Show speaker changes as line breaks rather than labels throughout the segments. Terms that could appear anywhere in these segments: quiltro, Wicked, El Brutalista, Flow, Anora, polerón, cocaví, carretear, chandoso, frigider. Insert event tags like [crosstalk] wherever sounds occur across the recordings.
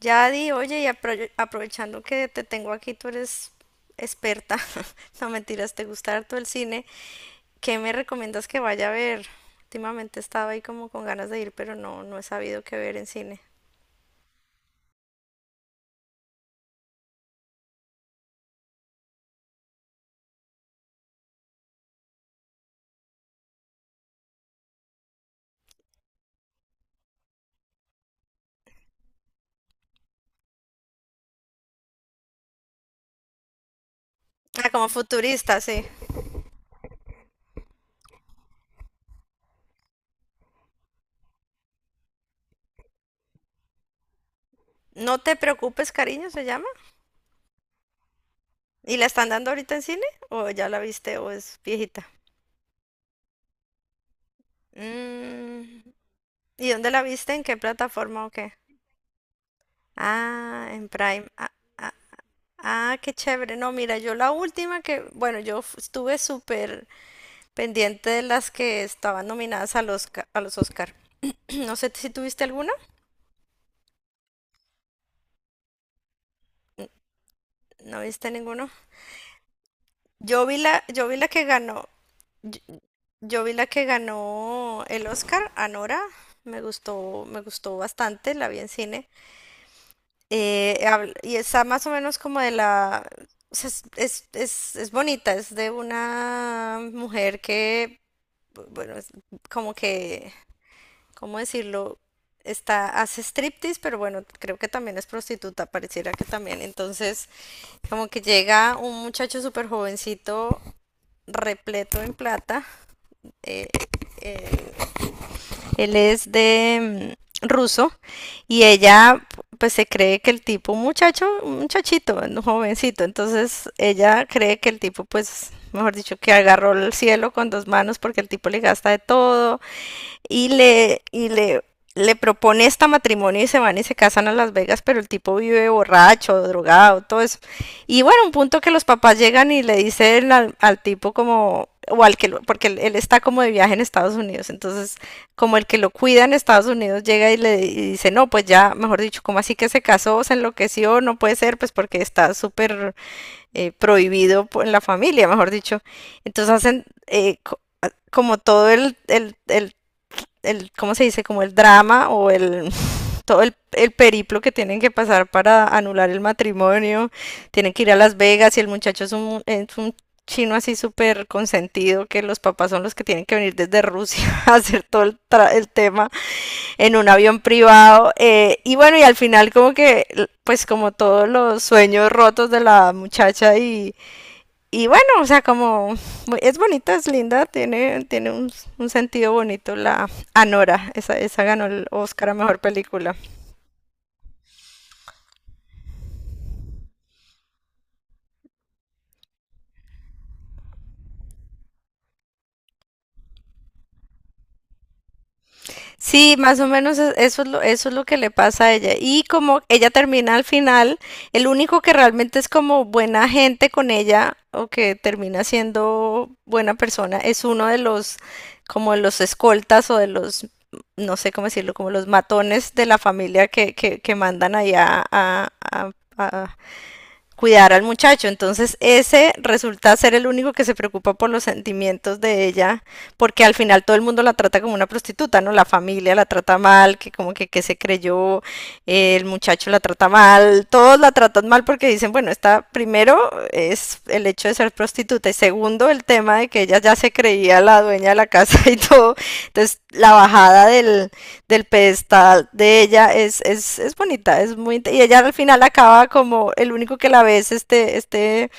Yadi, oye, y aprovechando que te tengo aquí, tú eres experta, [laughs] no mentiras, te gusta harto el cine, ¿qué me recomiendas que vaya a ver? Últimamente estaba ahí como con ganas de ir, pero no he sabido qué ver en cine. Ah, como futurista, sí. No te preocupes, cariño, se llama. ¿Y la están dando ahorita en cine? ¿O ya la viste o es viejita? Mm, ¿y dónde la viste? ¿En qué plataforma o qué? Ah, en Prime. Ah, ah, Ah, qué chévere. No, mira, yo la última que, bueno, estuve súper pendiente de las que estaban nominadas a los, a los Oscar. [clears throat] No sé si tuviste alguna. No viste ninguno. Yo vi la que ganó. Yo, yo vi la que ganó el Oscar, Anora. Me gustó bastante, la vi en cine. Y está más o menos como de la... O sea, es bonita, es de una mujer que, bueno, es como que ¿cómo decirlo? Está, hace striptease, pero bueno, creo que también es prostituta, pareciera que también. Entonces, como que llega un muchacho súper jovencito, repleto en plata. eh, eh, Él es de ruso y ella pues se cree que el tipo, un muchacho, un muchachito, un jovencito, entonces ella cree que el tipo pues, mejor dicho, que agarró el cielo con dos manos porque el tipo le gasta de todo, y le, y le, le propone esta matrimonio y se van y se casan a Las Vegas, pero el tipo vive borracho, drogado, todo eso. Y bueno, un punto que los papás llegan y le dicen al, al tipo como, o al que, porque él está como de viaje en Estados Unidos, entonces como el que lo cuida en Estados Unidos llega y y dice, no, pues ya, mejor dicho, como así que se casó, se enloqueció, no puede ser, pues porque está súper prohibido en la familia, mejor dicho. Entonces hacen como todo el, ¿cómo se dice? Como el drama o el, [laughs] todo el periplo que tienen que pasar para anular el matrimonio. Tienen que ir a Las Vegas y el muchacho es un chino así súper consentido, que los papás son los que tienen que venir desde Rusia [laughs] a hacer todo el, el tema en un avión privado. Y bueno, y al final como que, pues como todos los sueños rotos de la muchacha y bueno, o sea, como es bonita, es linda, tiene un sentido bonito la Anora, esa ganó el Oscar a Mejor Película. Sí, más o menos eso es lo que le pasa a ella. Y como ella termina al final, el único que realmente es como buena gente con ella o que termina siendo buena persona es uno de los, como de los escoltas o de los no sé cómo decirlo, como los matones de la familia que mandan allá a cuidar al muchacho. Entonces ese resulta ser el único que se preocupa por los sentimientos de ella, porque al final todo el mundo la trata como una prostituta, ¿no? La familia la trata mal, que como que se creyó, el muchacho la trata mal, todos la tratan mal porque dicen, bueno, está primero es el hecho de ser prostituta y segundo el tema de que ella ya se creía la dueña de la casa [laughs] y todo. Entonces la bajada del pedestal de ella es bonita, es muy y ella al final acaba como el único que la ve es este, este,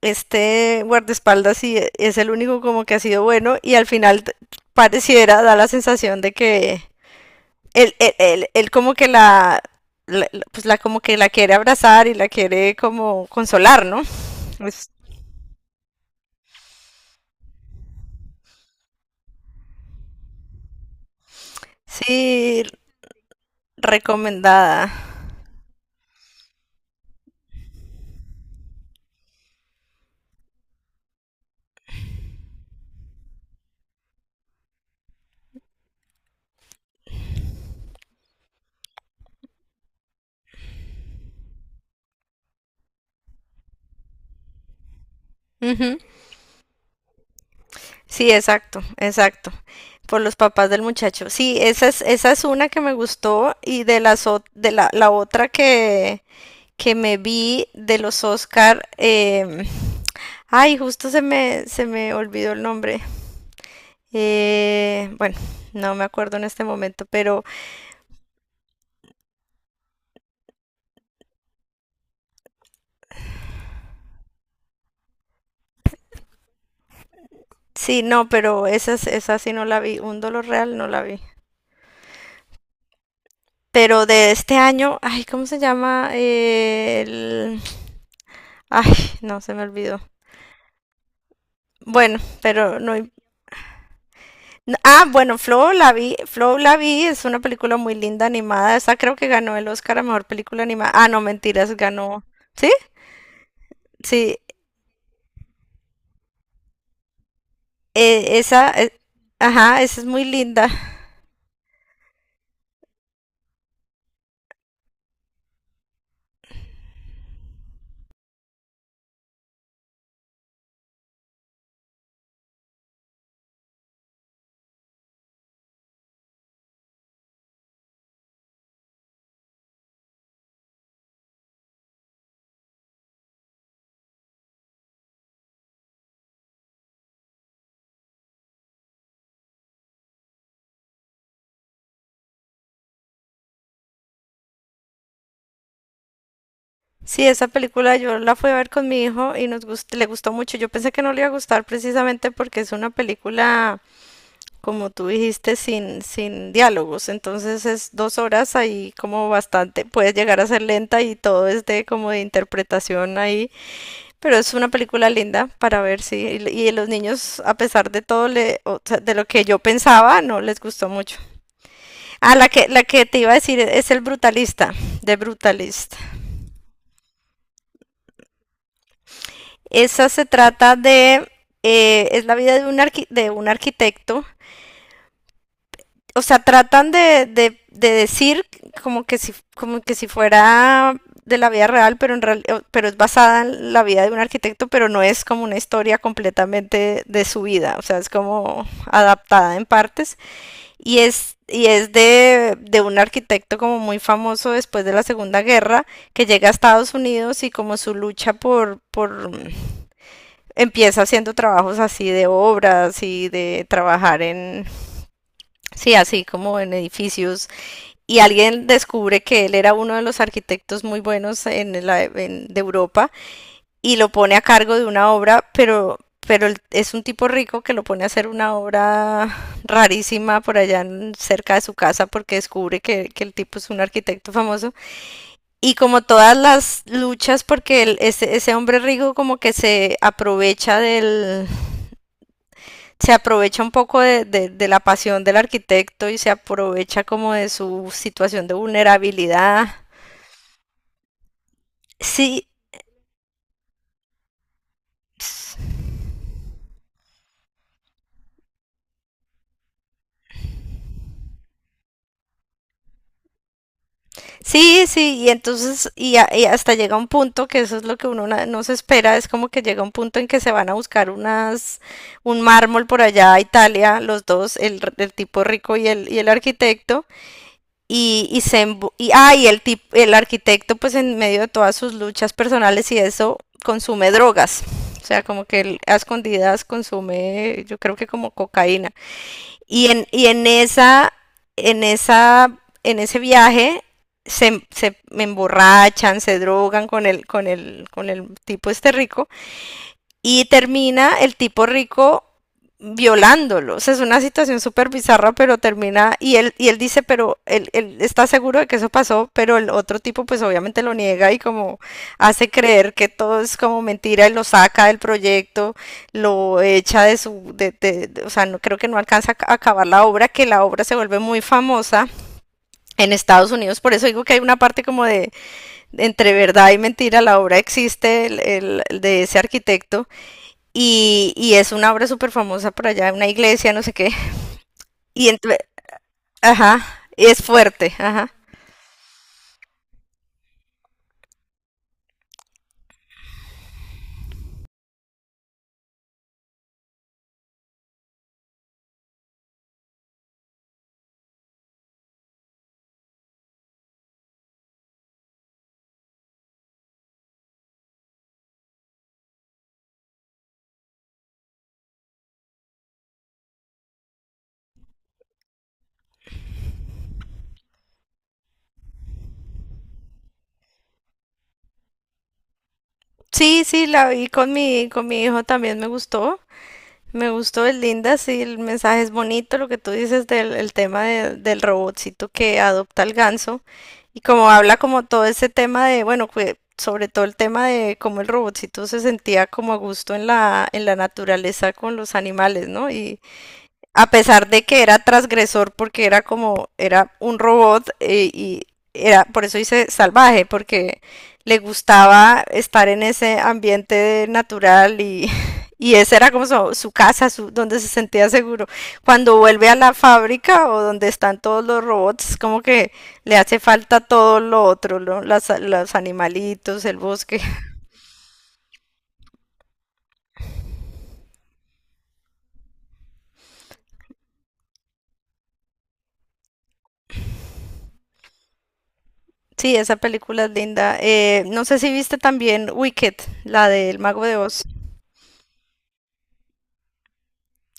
este guardaespaldas y es el único como que ha sido bueno y al final pareciera, da la sensación de que él como que la pues la como que la quiere abrazar y la quiere como consolar, ¿no? Pues, sí, recomendada. Ujú. Sí, exacto, exacto. Por los papás del muchacho. Sí, esa es una que me gustó y de las de la, la otra que me vi de los Oscar, ay, justo se me olvidó el nombre. Bueno, no me acuerdo en este momento, pero sí, no, pero esa, esa sí no la vi. Un dolor real no la vi. Pero de este año, ay, ¿cómo se llama? El... Ay, no, se me olvidó. Bueno, pero no Ah, bueno, Flow la vi, es una película muy linda animada. Esa creo que ganó el Oscar a mejor película animada. Ah, no, mentiras, ganó. ¿Sí? Sí, esa, ajá, esa es muy linda. Sí, esa película yo la fui a ver con mi hijo y nos le gustó mucho. Yo pensé que no le iba a gustar precisamente porque es una película, como tú dijiste, sin diálogos. Entonces es dos horas ahí como bastante, puede llegar a ser lenta y todo es de como de interpretación ahí. Pero es una película linda para ver, sí. Y los niños, a pesar de todo, le, o sea, de lo que yo pensaba, no les gustó mucho. Ah, la que te iba a decir es El Brutalista, de Brutalist. Esa se trata de... es la vida de un, de un arquitecto o sea, tratan de decir como que si fuera de la vida real, pero en pero es basada en la vida de un arquitecto, pero no es como una historia completamente de su vida, o sea, es como adaptada en partes y es de un arquitecto como muy famoso después de la Segunda Guerra que llega a Estados Unidos y como su lucha por mm, empieza haciendo trabajos así de obras y de trabajar en sí, así como en edificios y alguien descubre que él era uno de los arquitectos muy buenos en la, en, de Europa y lo pone a cargo de una obra, pero es un tipo rico que lo pone a hacer una obra rarísima por allá en, cerca de su casa porque descubre que, el tipo es un arquitecto famoso. Y como todas las luchas, porque el, ese, hombre rico como que se aprovecha del... Se aprovecha un poco de la pasión del arquitecto y se aprovecha como de su situación de vulnerabilidad. Sí, sí, y entonces, y, y hasta llega un punto que eso es lo que uno no se espera, es como que llega un punto en que se van a buscar unas, un mármol por allá a Italia, los dos, el, el tipo rico y el arquitecto, y se, y, ah, y el el arquitecto pues en medio de todas sus luchas personales y eso, consume drogas, o sea, como que él a escondidas consume, yo creo que como cocaína. Y en esa, en esa, en ese viaje se, se emborrachan, se drogan con el, con el, con el tipo este rico y termina el tipo rico violándolo. O sea, es una situación súper bizarra, pero termina, y él dice, pero él, está seguro de que eso pasó, pero el otro tipo pues obviamente lo niega y como hace creer que todo es como mentira y lo saca del proyecto, lo echa de su, o sea, no, creo que no alcanza a acabar la obra, que la obra se vuelve muy famosa en Estados Unidos, por eso digo que hay una parte como de entre verdad y mentira, la obra existe el, de ese arquitecto y es una obra súper famosa por allá, una iglesia, no sé qué. Y entonces, ajá, es fuerte, ajá. Sí, sí, la vi con mi hijo también me gustó. Me gustó, es linda, sí, el mensaje es bonito, lo que tú dices del el tema del robotcito que adopta el ganso y como habla como todo ese tema de, bueno, sobre todo el tema de cómo el robotcito se sentía como a gusto en la naturaleza con los animales, ¿no? Y, a pesar de que era transgresor porque era como, era un robot y era, por eso dice salvaje, porque le gustaba estar en ese ambiente natural y, [laughs] y esa era como su casa, su, donde se sentía seguro. Cuando vuelve a la fábrica o donde están todos los robots, como que le hace falta todo lo otro, ¿no? Los animalitos, el bosque. [laughs] Sí, esa película es linda. No sé si viste también Wicked, la del Mago de Oz.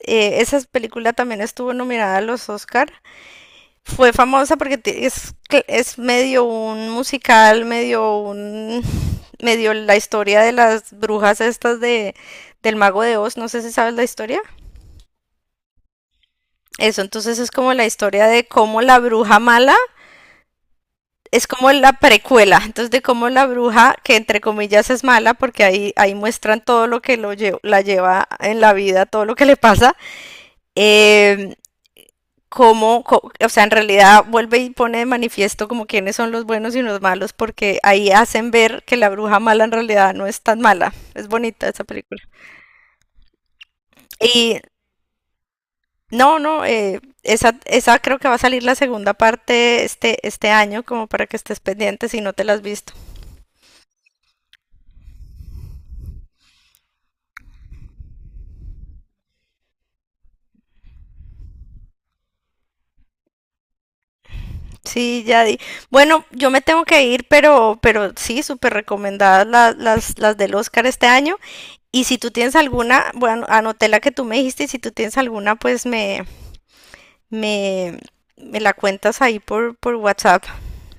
Eh, esa película también estuvo nominada a los Oscar. Fue famosa porque es medio un musical, medio un, medio la historia de las brujas estas de, del Mago de Oz. No sé si sabes la historia. Eso, entonces es como la historia de cómo la bruja mala es como la precuela. Entonces de cómo la bruja, que entre comillas es mala, porque ahí, ahí muestran todo lo que la lleva en la vida, todo lo que le pasa. Eh, como, o sea, en realidad vuelve y pone de manifiesto como quiénes son los buenos y los malos, porque ahí hacen ver que la bruja mala en realidad no es tan mala. Es bonita esa película. Y no, esa, esa creo que va a salir la segunda parte este año, como para que estés pendiente si no te la has visto. Sí, ya di. Bueno, yo me tengo que ir, pero sí, súper recomendadas las del Oscar este año. Y si tú tienes alguna, bueno, anoté la que tú me dijiste y si tú tienes alguna, pues me, me la cuentas ahí por WhatsApp,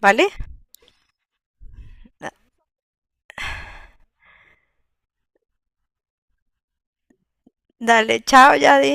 ¿vale? Dale, chao, Yadi.